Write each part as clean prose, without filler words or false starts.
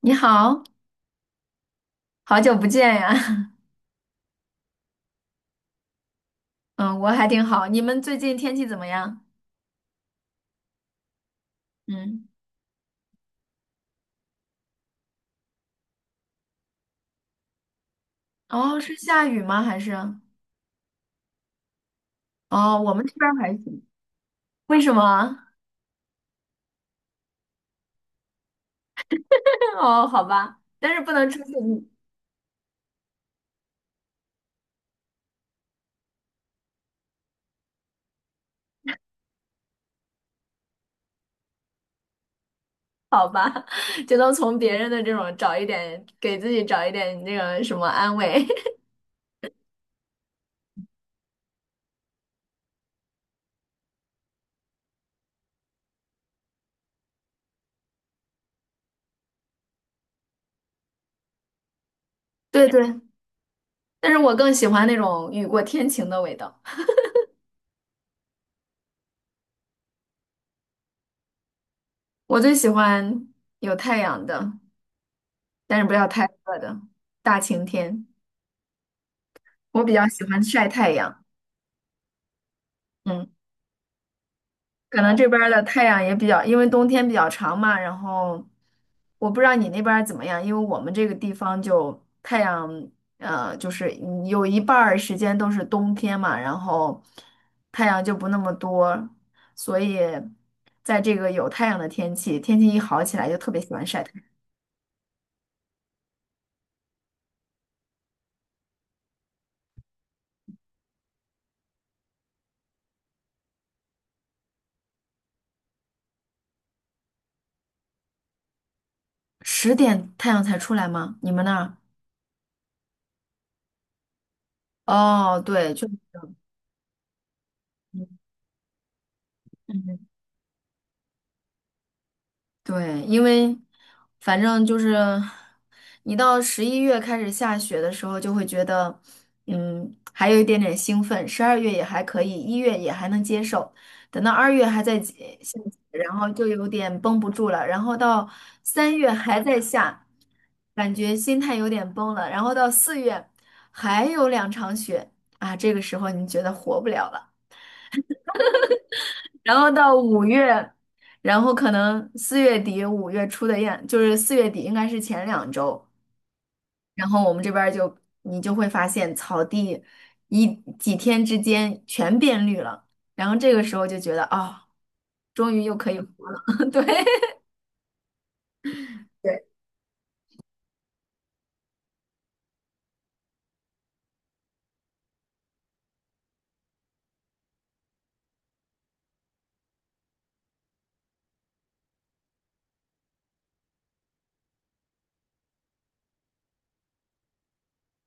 你好，好久不见呀。嗯，我还挺好。你们最近天气怎么样？嗯，哦，是下雨吗？还是？哦，我们这边儿还行。为什么啊？哦，好吧，但是不能出去。好吧，只能从别人的这种找一点，给自己找一点那个什么安慰。对对，但是我更喜欢那种雨过天晴的味道。我最喜欢有太阳的，但是不要太热的大晴天。我比较喜欢晒太阳。嗯。可能这边儿的太阳也比较，因为冬天比较长嘛，然后我不知道你那边儿怎么样，因为我们这个地方就太阳，就是你有一半儿时间都是冬天嘛，然后太阳就不那么多，所以在这个有太阳的天气，天气一好起来就特别喜欢晒太阳。10点太阳才出来吗？你们那儿？哦，对，就。嗯嗯嗯，对，因为反正就是你到11月开始下雪的时候，就会觉得，嗯，还有一点点兴奋。12月也还可以，一月也还能接受，等到二月还在下雪然后就有点绷不住了。然后到3月还在下，感觉心态有点崩了。然后到四月还有2场雪啊，这个时候你觉得活不了了。然后到五月，然后可能四月底5月初的样，就是四月底应该是前2周，然后我们这边儿就你就会发现草地一几天之间全变绿了，然后这个时候就觉得啊，终于又可以活了。对对，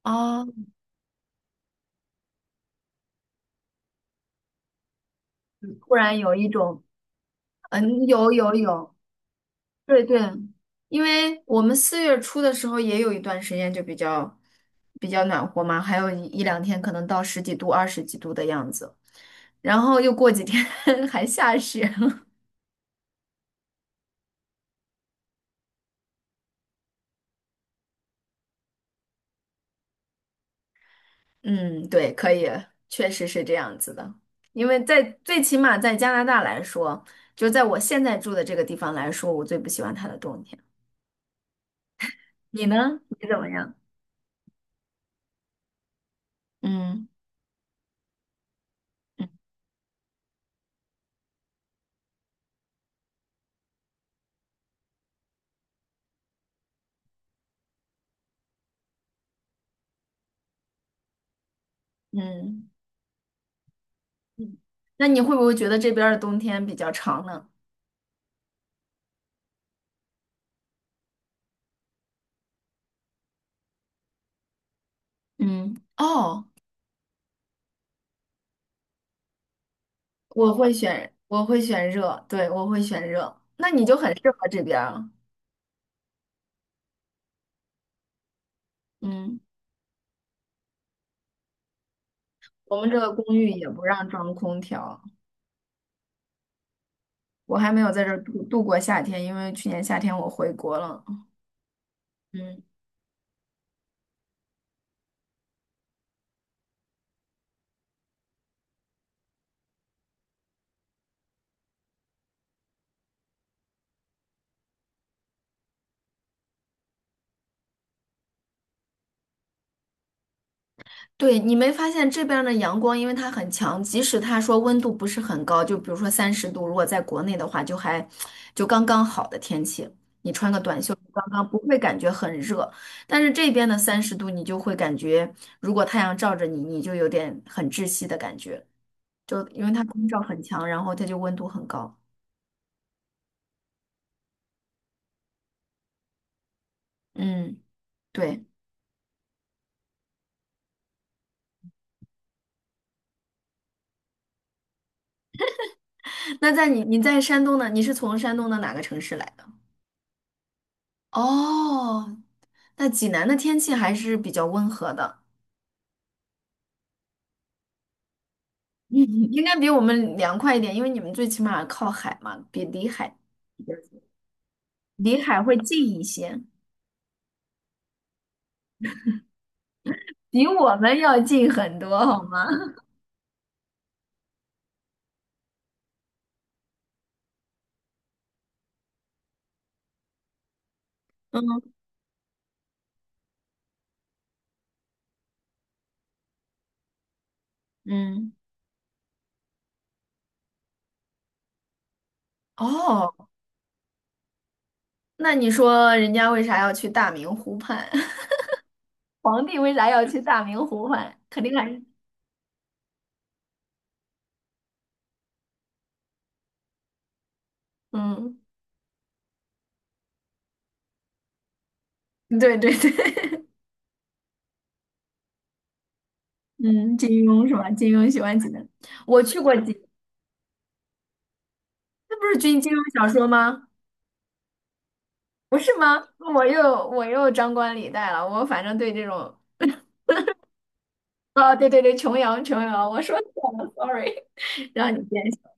啊，突然有一种嗯有有有。对对，因为我们4月初的时候也有一段时间就比较暖和嘛，还有一两天可能到十几度、二十几度的样子，然后又过几天 还下雪了。嗯，对，可以，确实是这样子的。因为在最起码在加拿大来说，就在我现在住的这个地方来说，我最不喜欢它的冬天。你呢？你怎么样？嗯嗯嗯，嗯，那你会不会觉得这边儿的冬天比较长呢？嗯，哦。我会选，我会选热，对，我会选热。那你就很适合这边儿。嗯，我们这个公寓也不让装空调，我还没有在这儿度过夏天，因为去年夏天我回国了。嗯。对，你没发现这边儿的阳光，因为它很强，即使它说温度不是很高，就比如说三十度，如果在国内的话，就还就刚刚好的天气，你穿个短袖刚刚不会感觉很热。但是这边的三十度，你就会感觉，如果太阳照着你，你就有点很窒息的感觉，就因为它光照很强，然后它就温度很高。嗯，对。那在你在山东呢？你是从山东的哪个城市来的？哦，那济南的天气还是比较温和的。嗯，应该比我们凉快一点，因为你们最起码靠海嘛，比离海会近一些，比我们要近很多，好吗？嗯嗯，哦，那你说人家为啥要去大明湖畔？皇帝为啥要去大明湖畔？肯定还是。嗯，对对对，嗯，金庸是吧？金庸喜欢济南，我去过济，那不是金庸小说吗？不是吗？我又张冠李戴了，我反正对这种，啊，对对对，琼瑶，琼瑶，我说错了，sorry，让你见笑。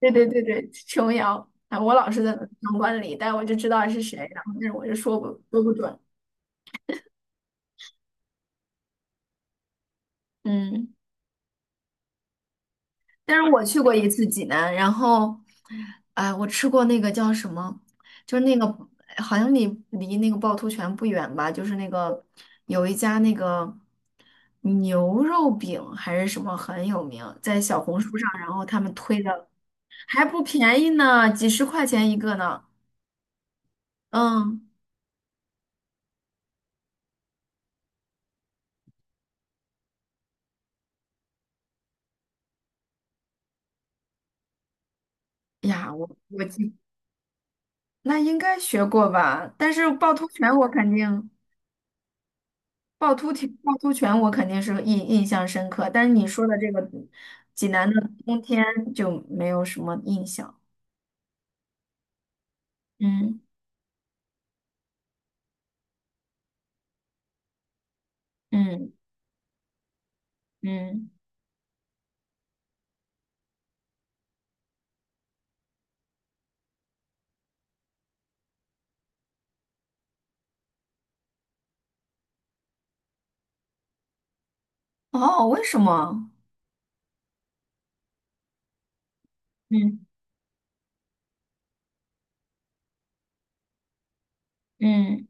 对对对对，琼瑶啊，我老是在旁观里，但我就知道是谁，然后但是我就说不准。嗯，但是我去过一次济南，然后，哎，我吃过那个叫什么，就是那个好像离那个趵突泉不远吧，就是那个有一家那个牛肉饼还是什么很有名，在小红书上，然后他们推的。还不便宜呢，几十块钱一个呢。嗯，呀，我记，那应该学过吧？但是趵突泉我肯定，趵突泉我肯定是印象深刻，但是你说的这个济南的冬天就没有什么印象。嗯嗯嗯，哦，为什么？嗯嗯，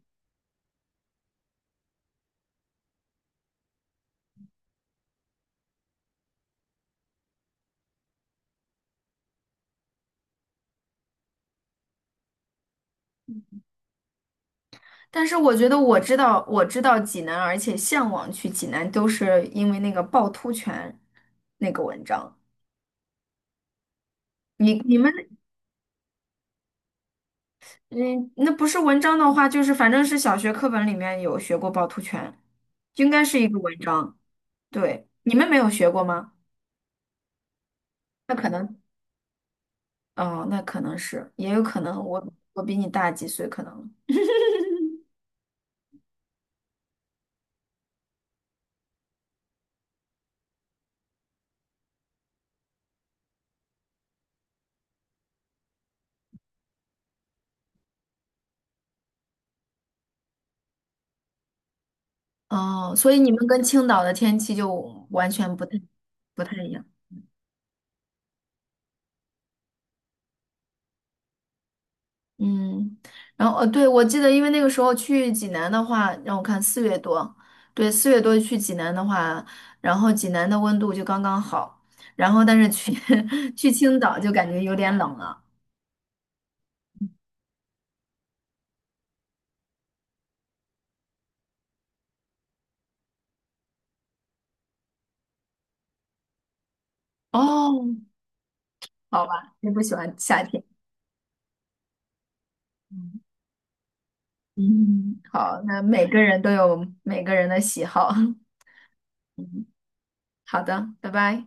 但是我觉得我知道济南，而且向往去济南，都是因为那个趵突泉那个文章。你们。嗯，那不是文章的话，就是反正是小学课本里面有学过趵突泉，应该是一个文章。对，你们没有学过吗？那可能，哦，那可能是，也有可能我比你大几岁，可能。哦，所以你们跟青岛的天气就完全不太一样。嗯，然后对，我记得，因为那个时候去济南的话，让我看四月多，对，四月多去济南的话，然后济南的温度就刚刚好，然后但是去 去青岛就感觉有点冷了。哦，好吧，你不喜欢夏天。嗯，嗯，好，那每个人都有每个人的喜好。好的，拜拜。